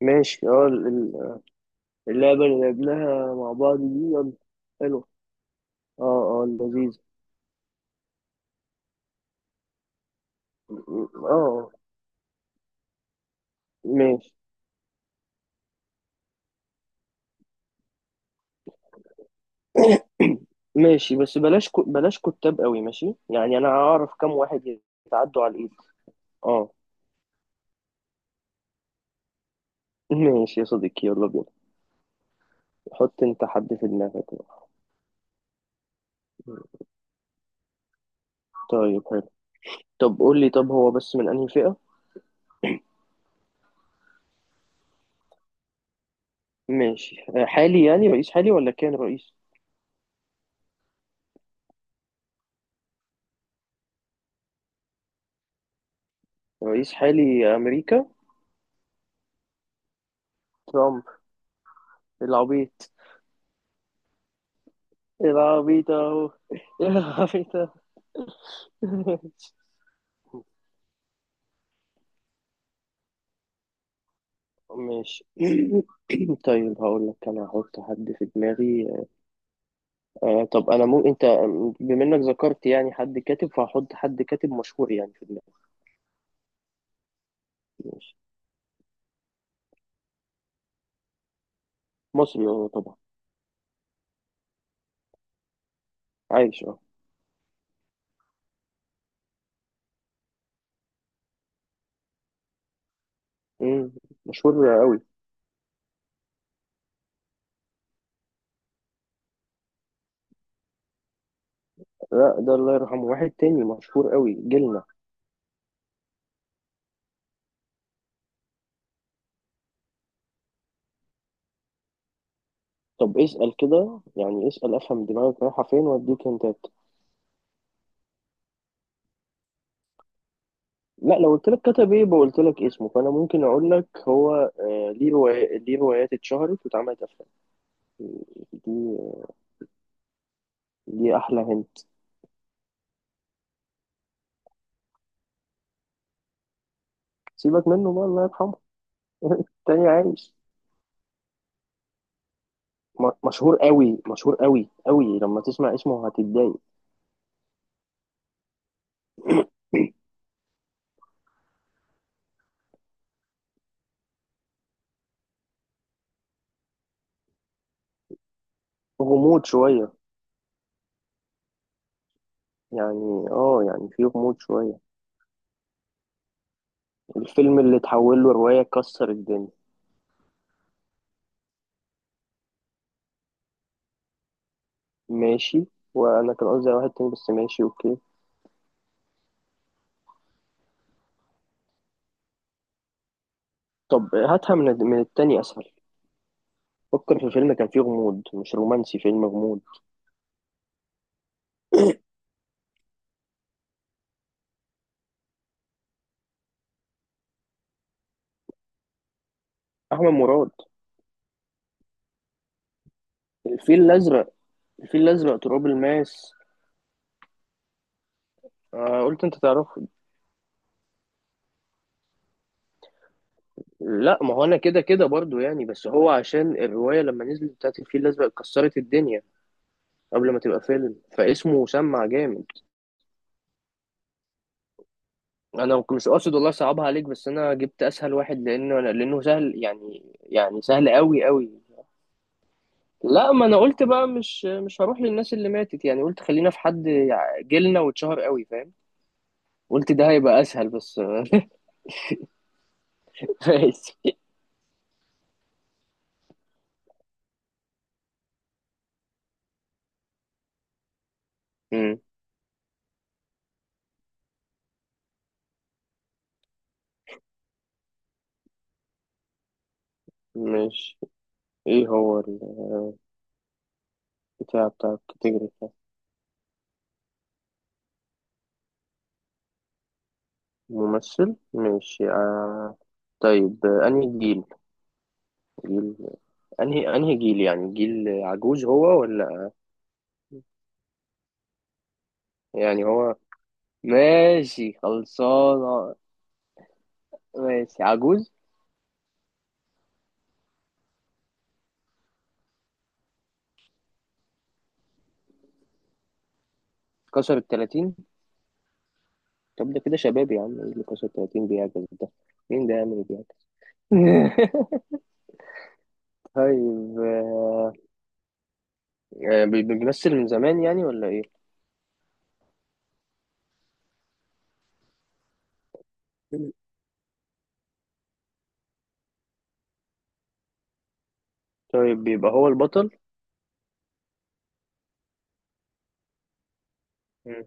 ماشي، اه. اللعبة اللي لعبناها مع بعض دي، يلا حلوة. اه، اه، لذيذة. اه، ماشي. ماشي، بس بلاش بلاش كتاب قوي، ماشي يعني انا هعرف كام واحد يتعدوا على الايد. اه. ماشي يا صديقي، يلا بينا. حط انت حد في دماغك بقى. طيب، حلو. طب قول لي، طب هو بس من انهي فئة؟ ماشي. حالي يعني، رئيس حالي ولا كان رئيس؟ رئيس حالي، امريكا. ترامب. العبيط. العبيط اهو، العبيط. ماشي. طيب، هقول لك انا هحط حد في دماغي. طب انا مو انت. بما انك ذكرت يعني حد كاتب، فهحط حد كاتب مشهور يعني في دماغي. ماشي. مصري اه، طبعا. عايش، اه. مم، مشهور قوي. لا، ده الله يرحمه. واحد تاني مشهور قوي جيلنا. طب اسأل كده يعني، اسأل افهم دماغك رايحة فين، واديك انت. لا، لو قلت لك كتب ايه بقولت لك اسمه، فانا ممكن اقول لك هو ليه روايات اتشهرت واتعملت افلام. دي دي احلى هند. سيبك منه بقى، الله يرحمه. تاني، عايش. مشهور قوي، مشهور قوي قوي، لما تسمع اسمه هتتضايق. غموض شوية. يعني يعني في غموض شوية. الفيلم اللي اتحول له رواية كسر الدنيا. ماشي. وانا كان قصدي على واحد تاني بس، ماشي، اوكي. طب هاتها من التاني اسهل. فكر في فيلم كان فيه غموض، مش رومانسي، فيلم غموض. احمد مراد. الفيل الازرق، الفيل الازرق، تراب الماس. قلت انت تعرفه. لا، ما هو انا كده كده برضو يعني، بس هو عشان الرواية لما نزلت بتاعت الفيل الازرق كسرت الدنيا. قبل ما تبقى فيلم، فاسمه سمع جامد. انا مش قاصد والله صعبها عليك، بس انا جبت اسهل واحد لانه سهل، يعني سهل قوي قوي. لا، ما انا قلت بقى مش هروح للناس اللي ماتت يعني، قلت خلينا في حد جيلنا واتشهر قوي، فاهم. قلت ده هيبقى اسهل بس. ماشي. مش ايه هو البتاع بتاع الكاتيجوري؟ ممثل؟ ماشي. طيب، انهي جيل؟ جيل انهي جيل، يعني جيل عجوز هو ولا؟ يعني هو، ماشي خلصانة. ماشي، عجوز. كسر التلاتين. طب ده كده شباب يا عم، إيه اللي كسر التلاتين بيعجز ده؟ مين ده يعمل إيه بيعجز؟ طيب، بيمثل من زمان يعني، ولا ايه؟ طيب، بيبقى هو البطل؟ مم.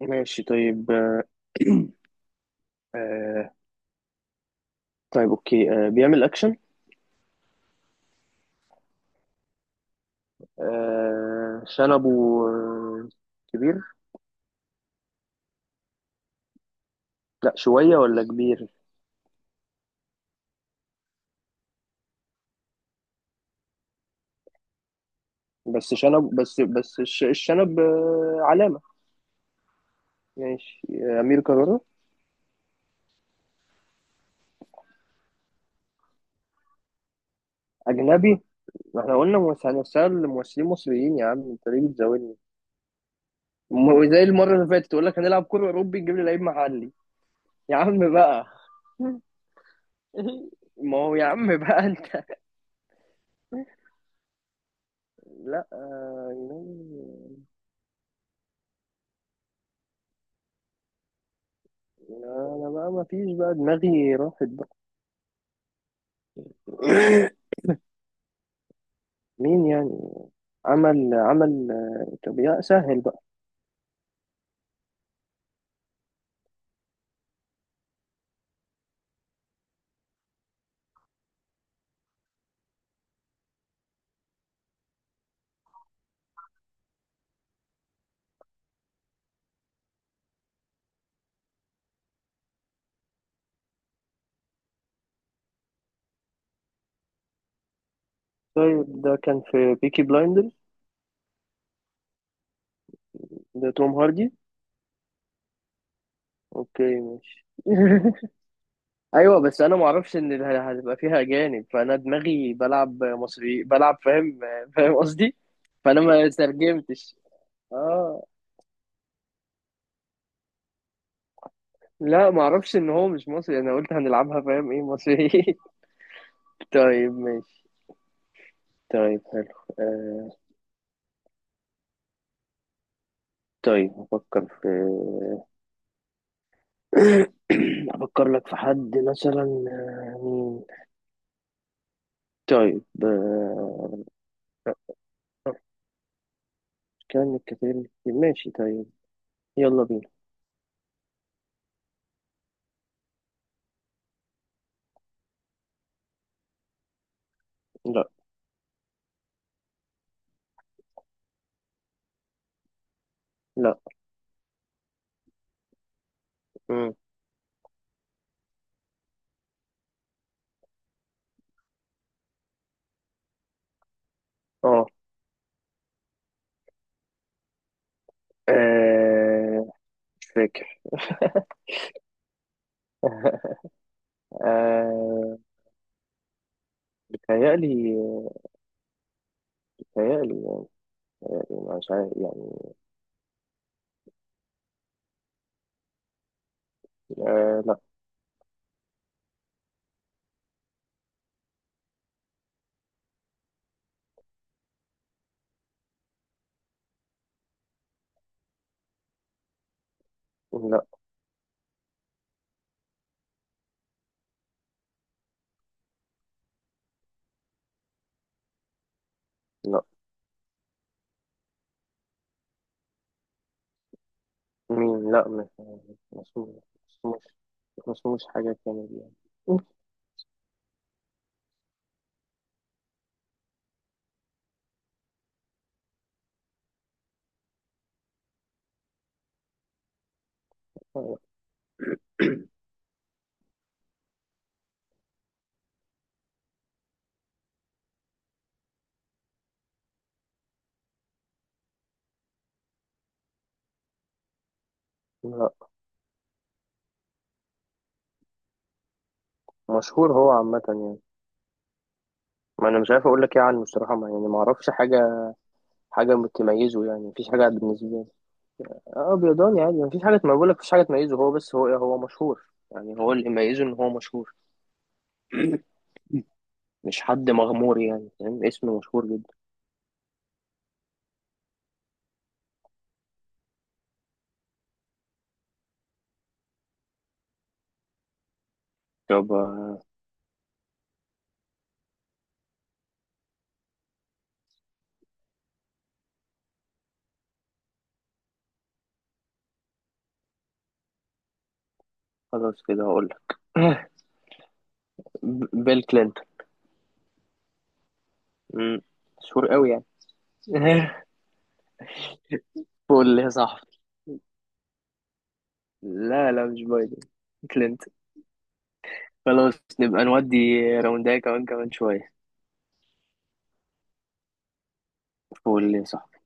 ماشي، طيب. آه، طيب، اوكي، بيعمل اكشن؟ شنبه. آه، كبير؟ لا شوية ولا كبير؟ بس شنب، بس الشنب علامة. ماشي، أمير كرارة. أجنبي؟ ما احنا قلنا هنسأل ممثلين مصريين يا عم، أنت ليه بتزاولني؟ زي المرة اللي فاتت تقول لك هنلعب كورة أوروبي، نجيب لي لعيب محلي. يا عم بقى. ما هو يا عم بقى أنت. لا، أجنبي. أنا بقى ما فيش بقى، دماغي راحت بقى. مين يعني؟ عمل طب يا سهل بقى. طيب، ده كان في بيكي بلايندرز؟ ده توم هاردي؟ اوكي، ماشي. ايوه، بس انا ما اعرفش ان هتبقى فيها اجانب، فانا دماغي بلعب مصري بلعب، فاهم. فاهم قصدي. فانا ما ترجمتش. اه. لا ما اعرفش ان هو مش مصري، انا قلت هنلعبها فاهم ايه مصري. طيب، ماشي. طيب، حلو. آه. طيب افكر في افكر لك في حد مثلا. مين؟ طيب كان الكثير، ماشي، طيب. يلا بينا. لا. لا. مم. اه. آه، مش فاكر. آه، بتهيألي بتهيألي يعني، مش عارف يعني. لا. لا. لا. مين؟ لا، مش. مسموش، مسموش، مسموش حاجة كامل يعني. لا، لا. مشهور هو عامة يعني. ما أنا مش عارف أقول لك إيه عنه الصراحة، ما يعني، ما أعرفش حاجة. حاجة تميزه يعني، مفيش حاجة بالنسبة لي. اه، بيضاني عادي، مفيش حاجة، ما بقولك مفيش حاجة تميزه، هو بس هو مشهور. يعني هو اللي ميزه إن هو مشهور. مش حد مغمور يعني، فاهم، اسمه مشهور جدا. طب خلاص كده هقولك. بيل كلينتون. مم، مشهور قوي يعني. قول لي يا صاحبي. لا، لا، مش بايدن، كلينتون. خلاص، نبقى نودي راونداية كمان، كمان شوية. قول لي يا صاحبي.